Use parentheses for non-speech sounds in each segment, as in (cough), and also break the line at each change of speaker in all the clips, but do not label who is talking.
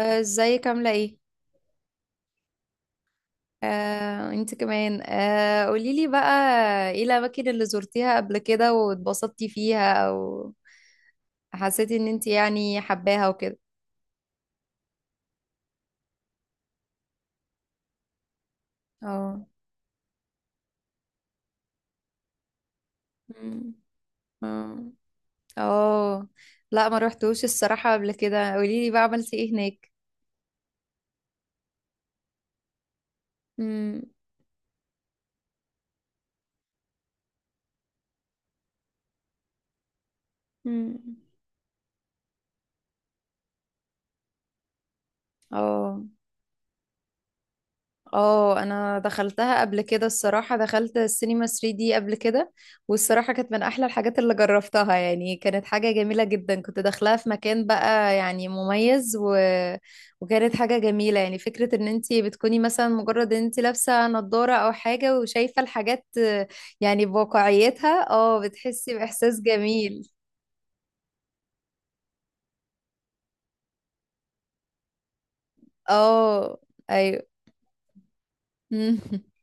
ازيك عاملة ايه؟ انت كمان، قوليلي بقى ايه الأماكن اللي زرتيها قبل كده واتبسطتي فيها او حسيتي ان انت يعني حباها وكده. اه. مم. اه. اه. لا، ما روحتوش الصراحة قبل كده. قوليلي بقى عملتي ايه هناك؟ مم. مم. اه، اه، انا دخلتها قبل كده الصراحة. دخلت السينما 3D قبل كده، والصراحة كانت من احلى الحاجات اللي جربتها يعني. كانت حاجة جميلة جدا كنت داخلاها في مكان بقى يعني مميز وكانت حاجة جميلة، يعني فكرة ان انتي بتكوني مثلا مجرد ان انتي لابسة نضارة او حاجة وشايفة الحاجات، يعني بواقعيتها بتحسي باحساس جميل. اه، ايوه. (laughs)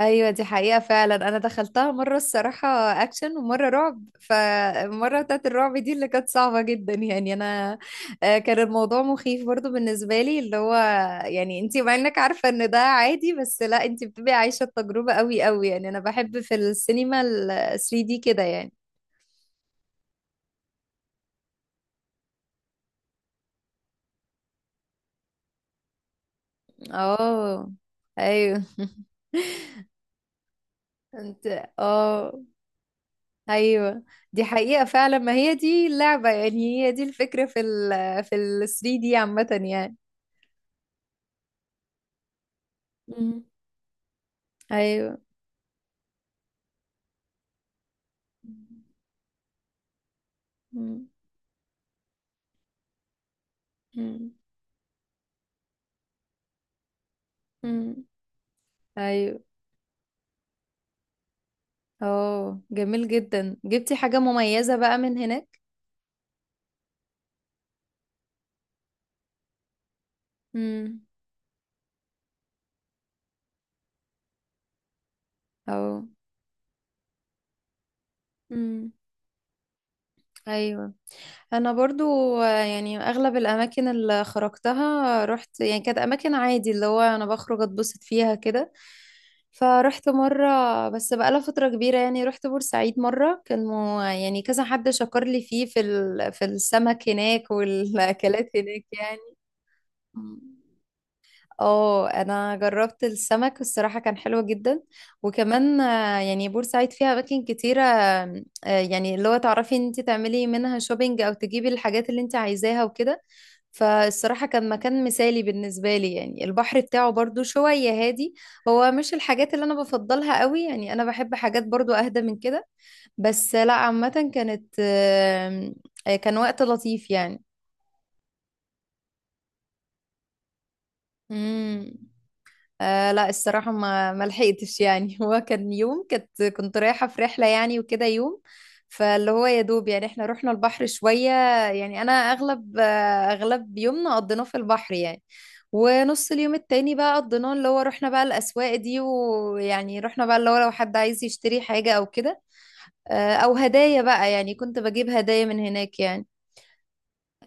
ايوه، دي حقيقة فعلا. انا دخلتها مرة الصراحة اكشن ومرة رعب، فالمرة بتاعت الرعب دي اللي كانت صعبة جدا يعني انا، كان الموضوع مخيف برضو بالنسبة لي اللي هو يعني انتي مع انك عارفة ان ده عادي، بس لا انتي بتبقي عايشة التجربة قوي قوي يعني. انا بحب في السينما ال 3D كده يعني. اه، ايوه. (laughs) انت. اه، ايوه، دي حقيقة فعلا. ما هي دي اللعبة يعني، هي دي الفكرة في ال 3D عامة يعني. مم. ايوه. مم. مم. مم. ايوه. اه، جميل جدا. جبتي حاجة مميزة بقى من هناك؟ امم. اه. امم. ايوه. انا برضو، يعني اغلب الاماكن اللي خرجتها رحت يعني كانت اماكن عادي اللي هو انا بخرج اتبسط فيها كده. فرحت مرة بس بقالها فترة كبيرة يعني. رحت بورسعيد مرة، كان مو يعني كذا حد شكر لي فيه في السمك هناك والاكلات هناك، يعني. اه، انا جربت السمك الصراحه كان حلو جدا. وكمان، يعني بورسعيد فيها اماكن كتيره، يعني اللي هو تعرفي ان انت تعملي منها شوبينج او تجيبي الحاجات اللي انت عايزاها وكده. فالصراحه كان مكان مثالي بالنسبه لي يعني. البحر بتاعه برضو شويه هادي، هو مش الحاجات اللي انا بفضلها قوي يعني. انا بحب حاجات برضو اهدى من كده، بس لا عامه كانت، كان وقت لطيف يعني. مم. لا، الصراحة ما ما لحقتش يعني. (laughs) هو كان يوم، كنت رايحة في رحلة يعني وكده يوم، فاللي هو يا دوب يعني احنا رحنا البحر شوية يعني. أنا أغلب يومنا قضيناه في البحر يعني. ونص اليوم التاني بقى قضيناه اللي هو رحنا بقى الأسواق دي، ويعني رحنا بقى اللي هو لو حد عايز يشتري حاجة أو كده، أو هدايا بقى يعني. كنت بجيب هدايا من هناك يعني.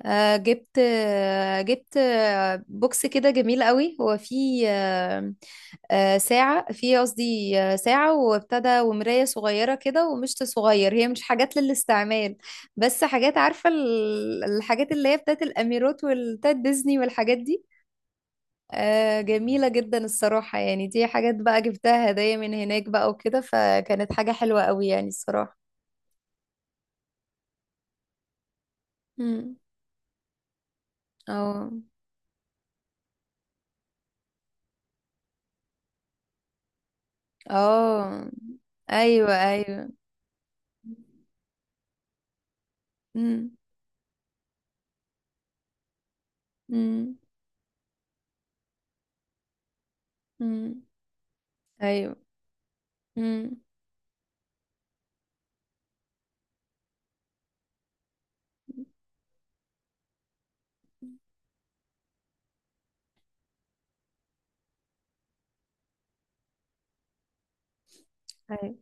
جبت بوكس كده جميل قوي. هو فيه ساعة، فيه قصدي ساعة وابتدى، ومراية صغيرة كده، ومشط صغير. هي مش حاجات للاستعمال، بس حاجات، عارفة الحاجات اللي هي بتاعت الأميرات والتات ديزني والحاجات دي. جميلة جدا الصراحة يعني. دي حاجات بقى جبتها هدايا من هناك بقى وكده، فكانت حاجة حلوة قوي يعني الصراحة. مم. اه. اه. ايوه. ايوه. مم. مم. مم. ايوه. مم. ايوه.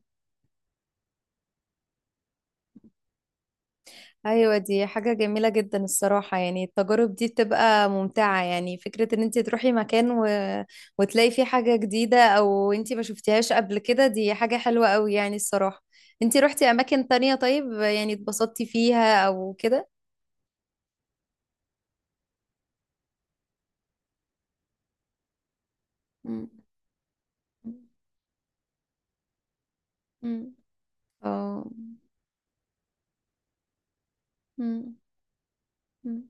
ايوه. دي حاجة جميلة جدا الصراحة يعني. التجارب دي بتبقى ممتعة، يعني فكرة ان انت تروحي مكان وتلاقي فيه حاجة جديدة او انت ما شفتيهاش قبل كده، دي حاجة حلوة قوي يعني الصراحة. انت روحتي اماكن تانية طيب يعني؟ اتبسطتي فيها او كده؟ مم. مم. اه. مم. مم.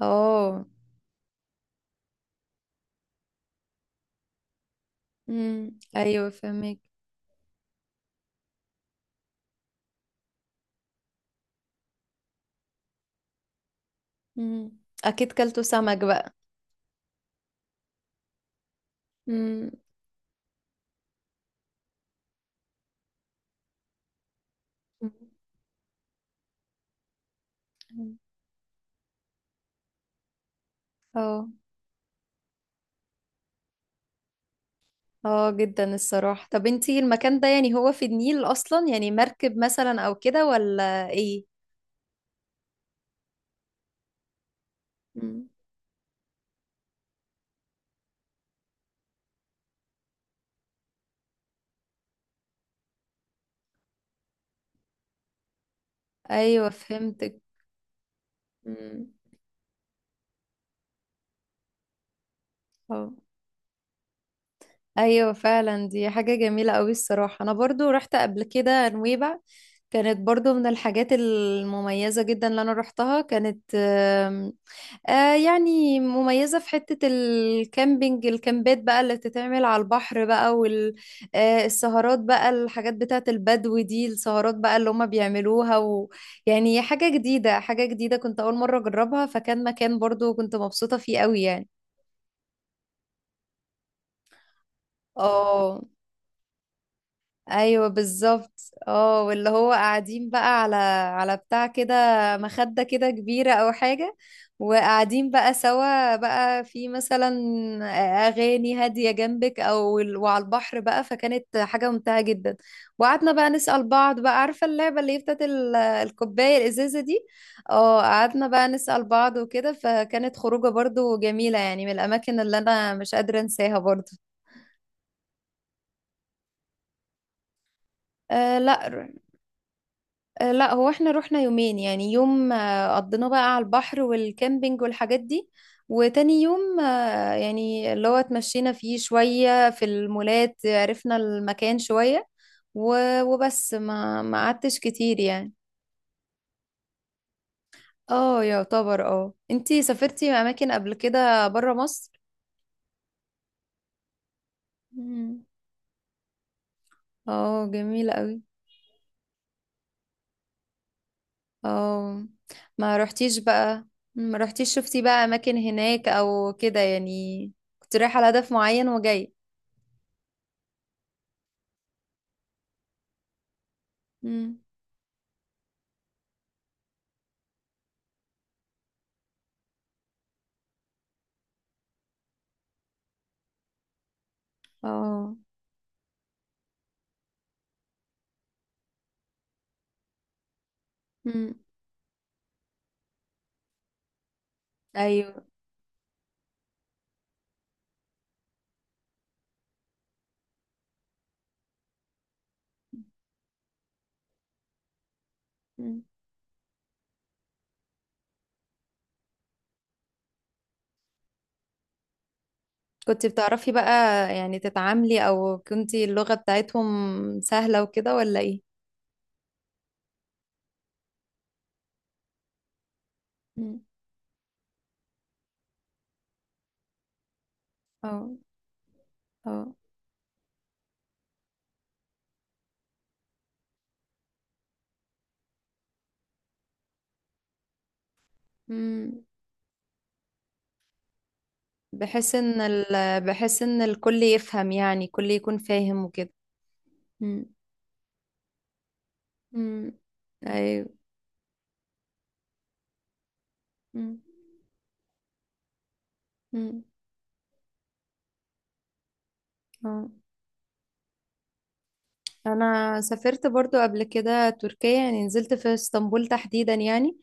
اه. مم. ايوه، فهمك. مم. اكيد كلتوا سمك بقى. اه. اه، جدا الصراحة. طب انتي المكان ده يعني، هو في النيل اصلا يعني مركب مثلا او كده ولا ايه؟ مم. ايوه، فهمتك. مم. اه، ايوه فعلا. دي حاجة جميلة قوي الصراحة. انا برضو رحت قبل كده نويبع، كانت برضو من الحاجات المميزة جدا اللي انا رحتها. كانت يعني مميزة في حتة الكامبينج، الكامبات بقى اللي بتتعمل على البحر بقى، والسهرات. السهرات بقى، الحاجات بتاعة البدو دي، السهرات بقى اللي هما بيعملوها، ويعني حاجة جديدة حاجة جديدة كنت أول مرة أجربها. فكان مكان برضو كنت مبسوطة فيه قوي يعني. اه، ايوه بالظبط. اه، واللي هو قاعدين بقى على بتاع كده، مخدة كده كبيرة او حاجة، وقاعدين بقى سوا بقى في مثلا اغاني هادية جنبك، او وعلى البحر بقى. فكانت حاجة ممتعة جدا. وقعدنا بقى نسأل بعض بقى، عارفة اللعبة اللي هي بتاعت الكوباية الازازة دي. اه، قعدنا بقى نسأل بعض وكده، فكانت خروجة برضو جميلة يعني، من الاماكن اللي انا مش قادرة انساها برضو. لا. لا، هو احنا رحنا يومين، يعني يوم قضيناه بقى على البحر والكامبينج والحاجات دي، وتاني يوم يعني اللي هو اتمشينا فيه شوية في المولات، عرفنا المكان شوية، وبس ما ما قعدتش كتير يعني. اه، يعتبر. اه، انتي سافرتي اماكن قبل كده برا مصر؟ مم. اه، جميل قوي. اه، ما رحتيش بقى؟ ما رحتيش شفتي بقى اماكن هناك او كده يعني، كنت رايحة على هدف معين وجاي؟ مم. اه. مم. ايوه. مم. كنت بتعرفي بقى يعني تتعاملي، او كنتي اللغة بتاعتهم سهلة وكده ولا ايه؟ مم. اه. اه. مم. بحيث ان الكل يفهم يعني، الكل يكون فاهم وكده. مم. مم. ايوه. مم. مم. اه، انا سافرت برضو قبل كده تركيا، يعني نزلت في اسطنبول تحديدا يعني.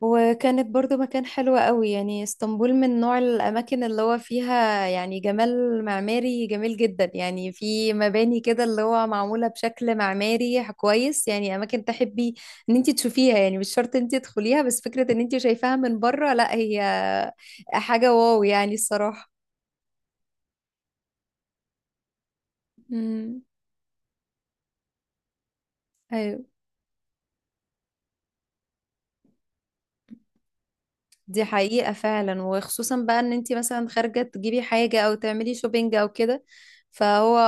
وكانت برضو مكان حلو قوي يعني. اسطنبول من نوع الأماكن اللي هو فيها يعني جمال معماري جميل جدا يعني. في مباني كده اللي هو معمولة بشكل معماري كويس يعني، أماكن تحبي إن انتي تشوفيها يعني. مش شرط انتي تدخليها، بس فكرة إن انتي شايفاها من بره، لا هي حاجة واو يعني الصراحة. امم. دي حقيقة فعلا، وخصوصا بقى ان انتي مثلا خارجة تجيبي حاجة او تعملي شوبينج او كده. فهو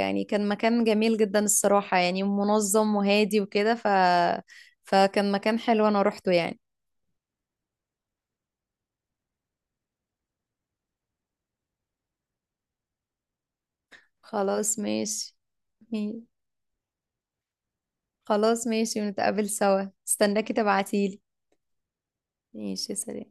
يعني كان مكان جميل جدا الصراحة يعني، منظم وهادي وكده، فكان مكان حلو انا روحته يعني. خلاص ماشي. مي- خلاص ماشي، ونتقابل سوا، استناكي تبعتيلي. ماشي، سلام.